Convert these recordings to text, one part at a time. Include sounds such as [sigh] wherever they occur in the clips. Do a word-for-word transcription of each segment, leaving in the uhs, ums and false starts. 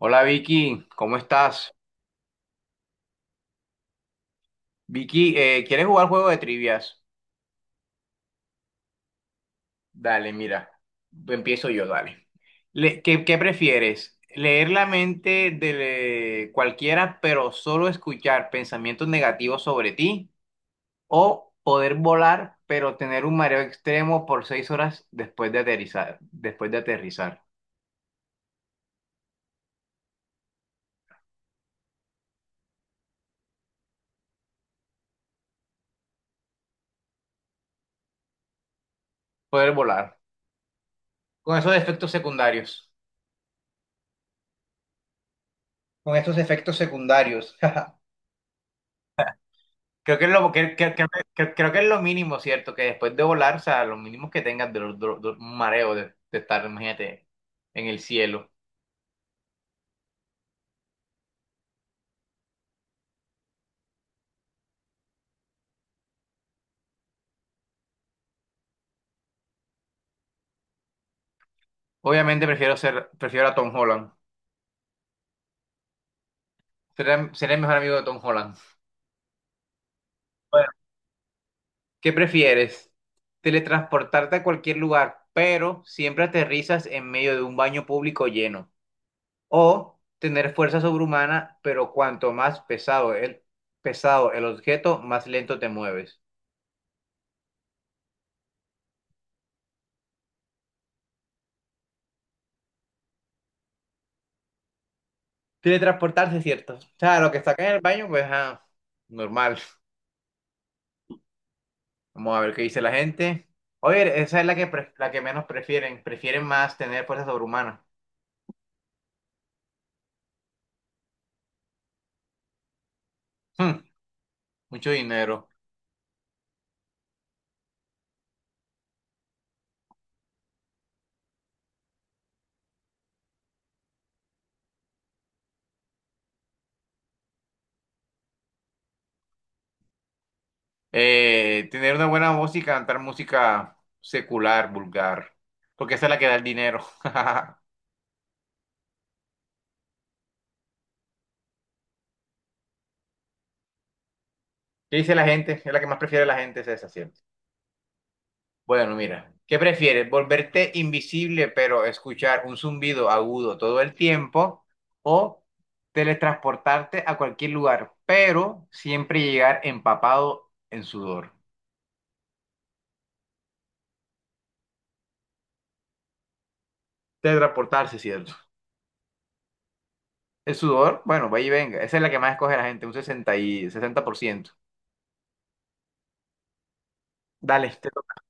Hola Vicky, ¿cómo estás? Vicky, eh, ¿quieres jugar juego de trivias? Dale, mira, empiezo yo, dale. Le- ¿qué, qué prefieres? ¿Leer la mente de eh, cualquiera, pero solo escuchar pensamientos negativos sobre ti? ¿O poder volar, pero tener un mareo extremo por seis horas después de aterrizar? Después de aterrizar. Poder volar. Con esos efectos secundarios. Con estos efectos secundarios. [laughs] Creo que es lo, que, que- que- que- creo que es lo mínimo, ¿cierto? Que después de volar, o sea, lo mínimo que tengas de, los- de los- de un mareo de, de estar, imagínate, en el cielo. Obviamente prefiero ser, prefiero a Tom Holland. Seré, seré el mejor amigo de Tom Holland. Bueno, ¿qué prefieres? Teletransportarte a cualquier lugar, pero siempre aterrizas en medio de un baño público lleno. O tener fuerza sobrehumana, pero cuanto más pesado el, pesado el objeto, más lento te mueves. Teletransportarse, cierto. O sea, lo que está acá en el baño, pues, ah, normal. Vamos a ver qué dice la gente. Oye, esa es la que, pre- la que menos prefieren. Prefieren más tener fuerza sobrehumana. Hmm, mucho dinero. Eh, tener una buena música, cantar música secular, vulgar. Porque esa es la que da el dinero. [laughs] ¿Qué dice la gente? Es la que más prefiere la gente, es esa, ¿cierto? Bueno, mira, ¿qué prefieres? ¿Volverte invisible pero escuchar un zumbido agudo todo el tiempo o teletransportarte a cualquier lugar pero siempre llegar empapado en sudor? Teletransportarse, ¿cierto? El sudor, bueno, vaya y venga. Esa es la que más escoge la gente, un sesenta y sesenta por ciento. Dale, te toca.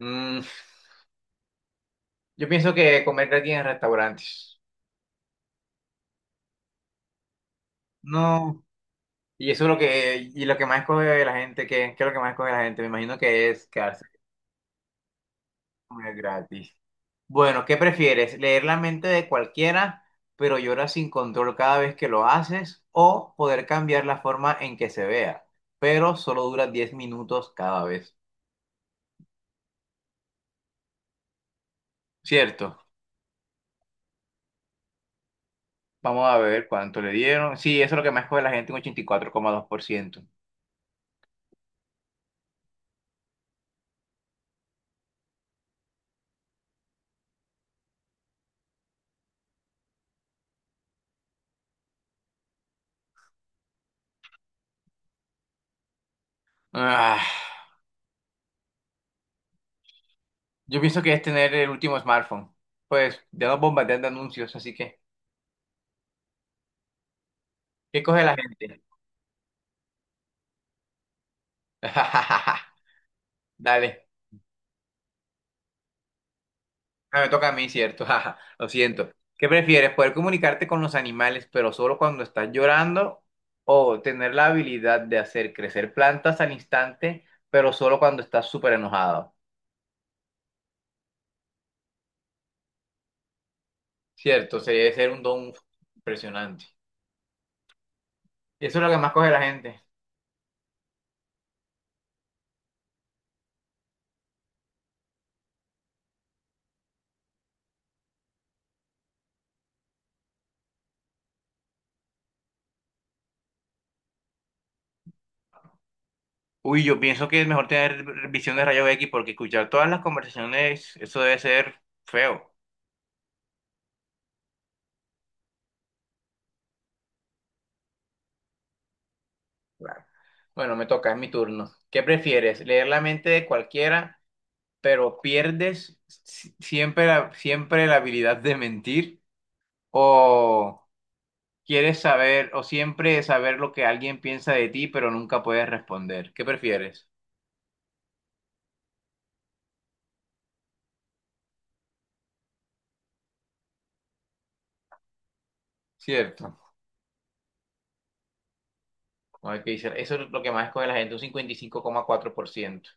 Mm, yo pienso que comer gratis en restaurantes. No. Y eso es lo que, y lo que más escoge la gente. ¿Qué, qué es lo que más escoge la gente? Me imagino que es quedarse a comer gratis. Bueno, ¿qué prefieres? ¿Leer la mente de cualquiera, pero llora sin control cada vez que lo haces? ¿O poder cambiar la forma en que se vea, pero solo dura diez minutos cada vez? Cierto. Vamos a ver cuánto le dieron. Sí, eso es lo que más escoge la gente, un ochenta y cuatro coma dos por ciento. Ah, yo pienso que es tener el último smartphone. Pues ya nos bombardean de anuncios, así que, ¿qué coge la gente? [laughs] Dale. Ah, me toca a mí, ¿cierto? [laughs] Jaja, lo siento. ¿Qué prefieres? ¿Poder comunicarte con los animales, pero solo cuando estás llorando? ¿O tener la habilidad de hacer crecer plantas al instante, pero solo cuando estás súper enojado? Cierto, se debe ser un don impresionante. Y eso es lo que más coge la gente. Uy, yo pienso que es mejor tener visión de rayos X porque escuchar todas las conversaciones, eso debe ser feo. Claro. Bueno, me toca, es mi turno. ¿Qué prefieres? ¿Leer la mente de cualquiera, pero pierdes si- siempre la, siempre la habilidad de mentir o quieres saber o siempre saber lo que alguien piensa de ti, pero nunca puedes responder? ¿Qué prefieres? Cierto. A ver qué dice. Eso es lo que más escoge la gente, un cincuenta y cinco coma cuatro por ciento.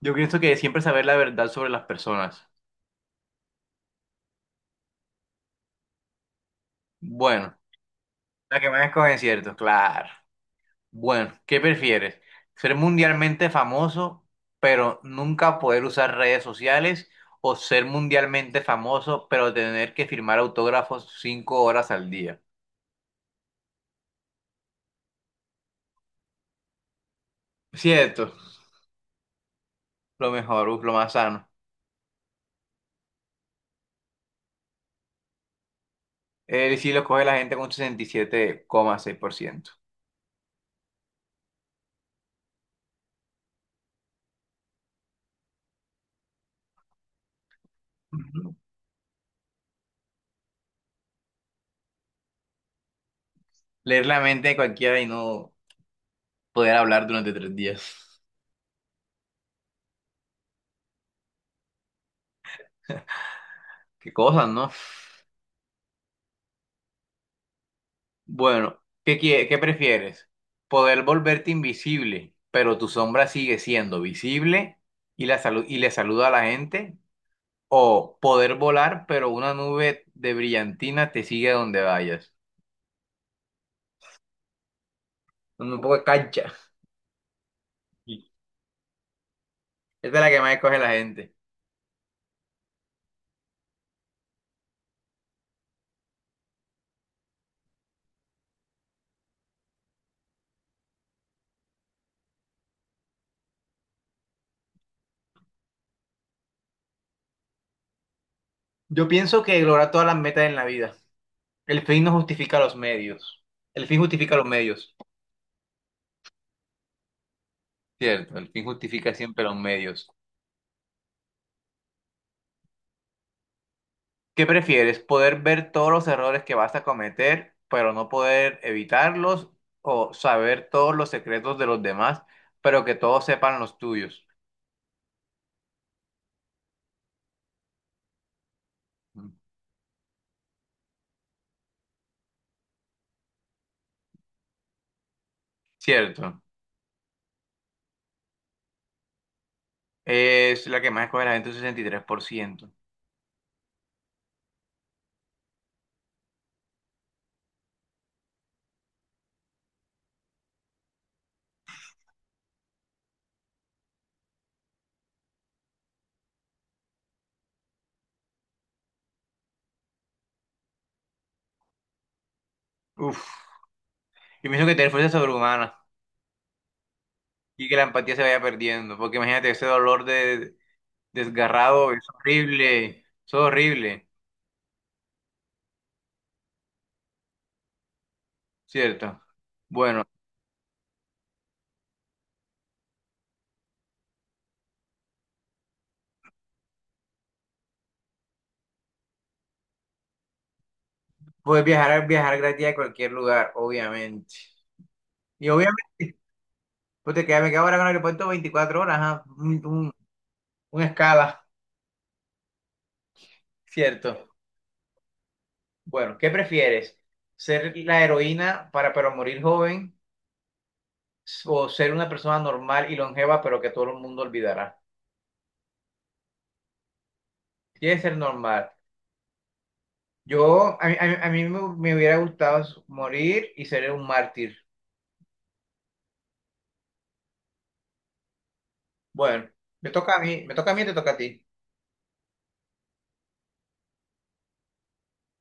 Yo pienso que siempre saber la verdad sobre las personas. Bueno, la que más escogen, cierto, claro. Bueno, ¿qué prefieres? ¿Ser mundialmente famoso, pero nunca poder usar redes sociales? ¿O ser mundialmente famoso, pero tener que firmar autógrafos cinco horas al día? Cierto, lo mejor, uf, lo más sano. Él sí lo coge la gente con sesenta y siete coma seis por ciento. Ujú. Leer la mente de cualquiera y no poder hablar durante tres días. Qué cosas, ¿no? Bueno, ¿qué quie- qué prefieres? Poder volverte invisible, pero tu sombra sigue siendo visible y la salu- y le saluda a la gente, o poder volar, pero una nube de brillantina te sigue donde vayas. Un poco de cancha. Sí. Esta es la que más escoge la gente. Yo pienso que lograr todas las metas en la vida. El fin no justifica los medios. El fin justifica los medios. Cierto, el fin justifica siempre los medios. ¿Qué prefieres? ¿Poder ver todos los errores que vas a cometer, pero no poder evitarlos? ¿O saber todos los secretos de los demás, pero que todos sepan los tuyos? Mm. Cierto. Es la que más escoge la gente, un sesenta y tres por ciento. Uf. Y pienso que tener fuerza sobrehumana y que la empatía se vaya perdiendo, porque imagínate ese dolor de desgarrado, es horrible, es horrible, ¿cierto? Bueno, puedes viajar, viajar gratis a cualquier lugar, obviamente. Y obviamente, porque ya me quedo ahora con el aeropuerto veinticuatro horas, ajá, un, un- un escala, cierto. Bueno, ¿qué prefieres? ¿Ser la heroína para pero morir joven o ser una persona normal y longeva pero que todo el mundo olvidará? Quieres ser normal. Yo, a mí, a mí- a mí me, Me hubiera gustado morir y ser un mártir. Bueno, me toca a mí, me toca a mí, te toca a ti.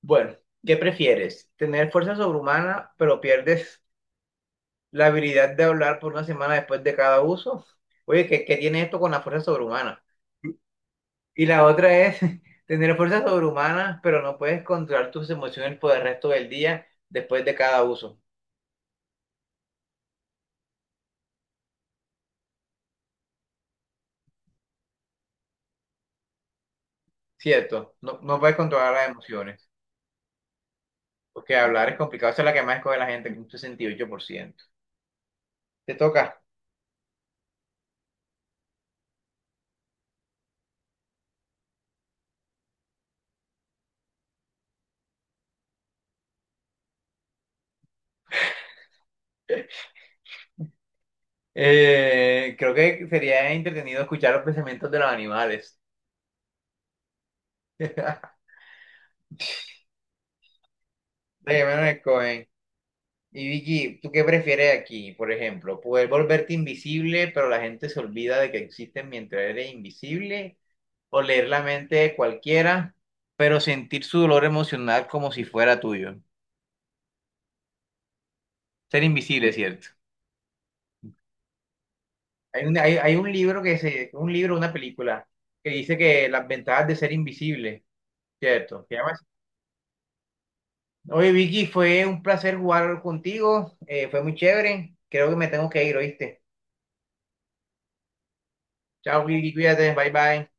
Bueno, ¿qué prefieres? ¿Tener fuerza sobrehumana pero pierdes la habilidad de hablar por una semana después de cada uso? Oye, ¿qué, qué tiene esto con la fuerza sobrehumana? Y la otra es [laughs] tener fuerza sobrehumana, pero no puedes controlar tus emociones por el resto del día después de cada uso. Cierto, no, no puedes controlar las emociones, porque hablar es complicado. Esa es la que más escoge la gente, un sesenta y ocho por ciento. Te toca. Eh, creo que sería entretenido escuchar los pensamientos de los animales. [laughs] De que menos escogen. Y Vicky, ¿tú qué prefieres aquí? Por ejemplo, ¿poder volverte invisible, pero la gente se olvida de que existes mientras eres invisible? ¿O leer la mente de cualquiera, pero sentir su dolor emocional como si fuera tuyo? Ser invisible, ¿cierto? Hay un, hay, hay un libro que se, un libro, una película, que dice que las ventajas de ser invisible, ¿cierto? ¿Qué llamas? Oye, Vicky, fue un placer jugar contigo, eh, fue muy chévere. Creo que me tengo que ir, ¿oíste? Chao, Vicky, cuídate, bye bye.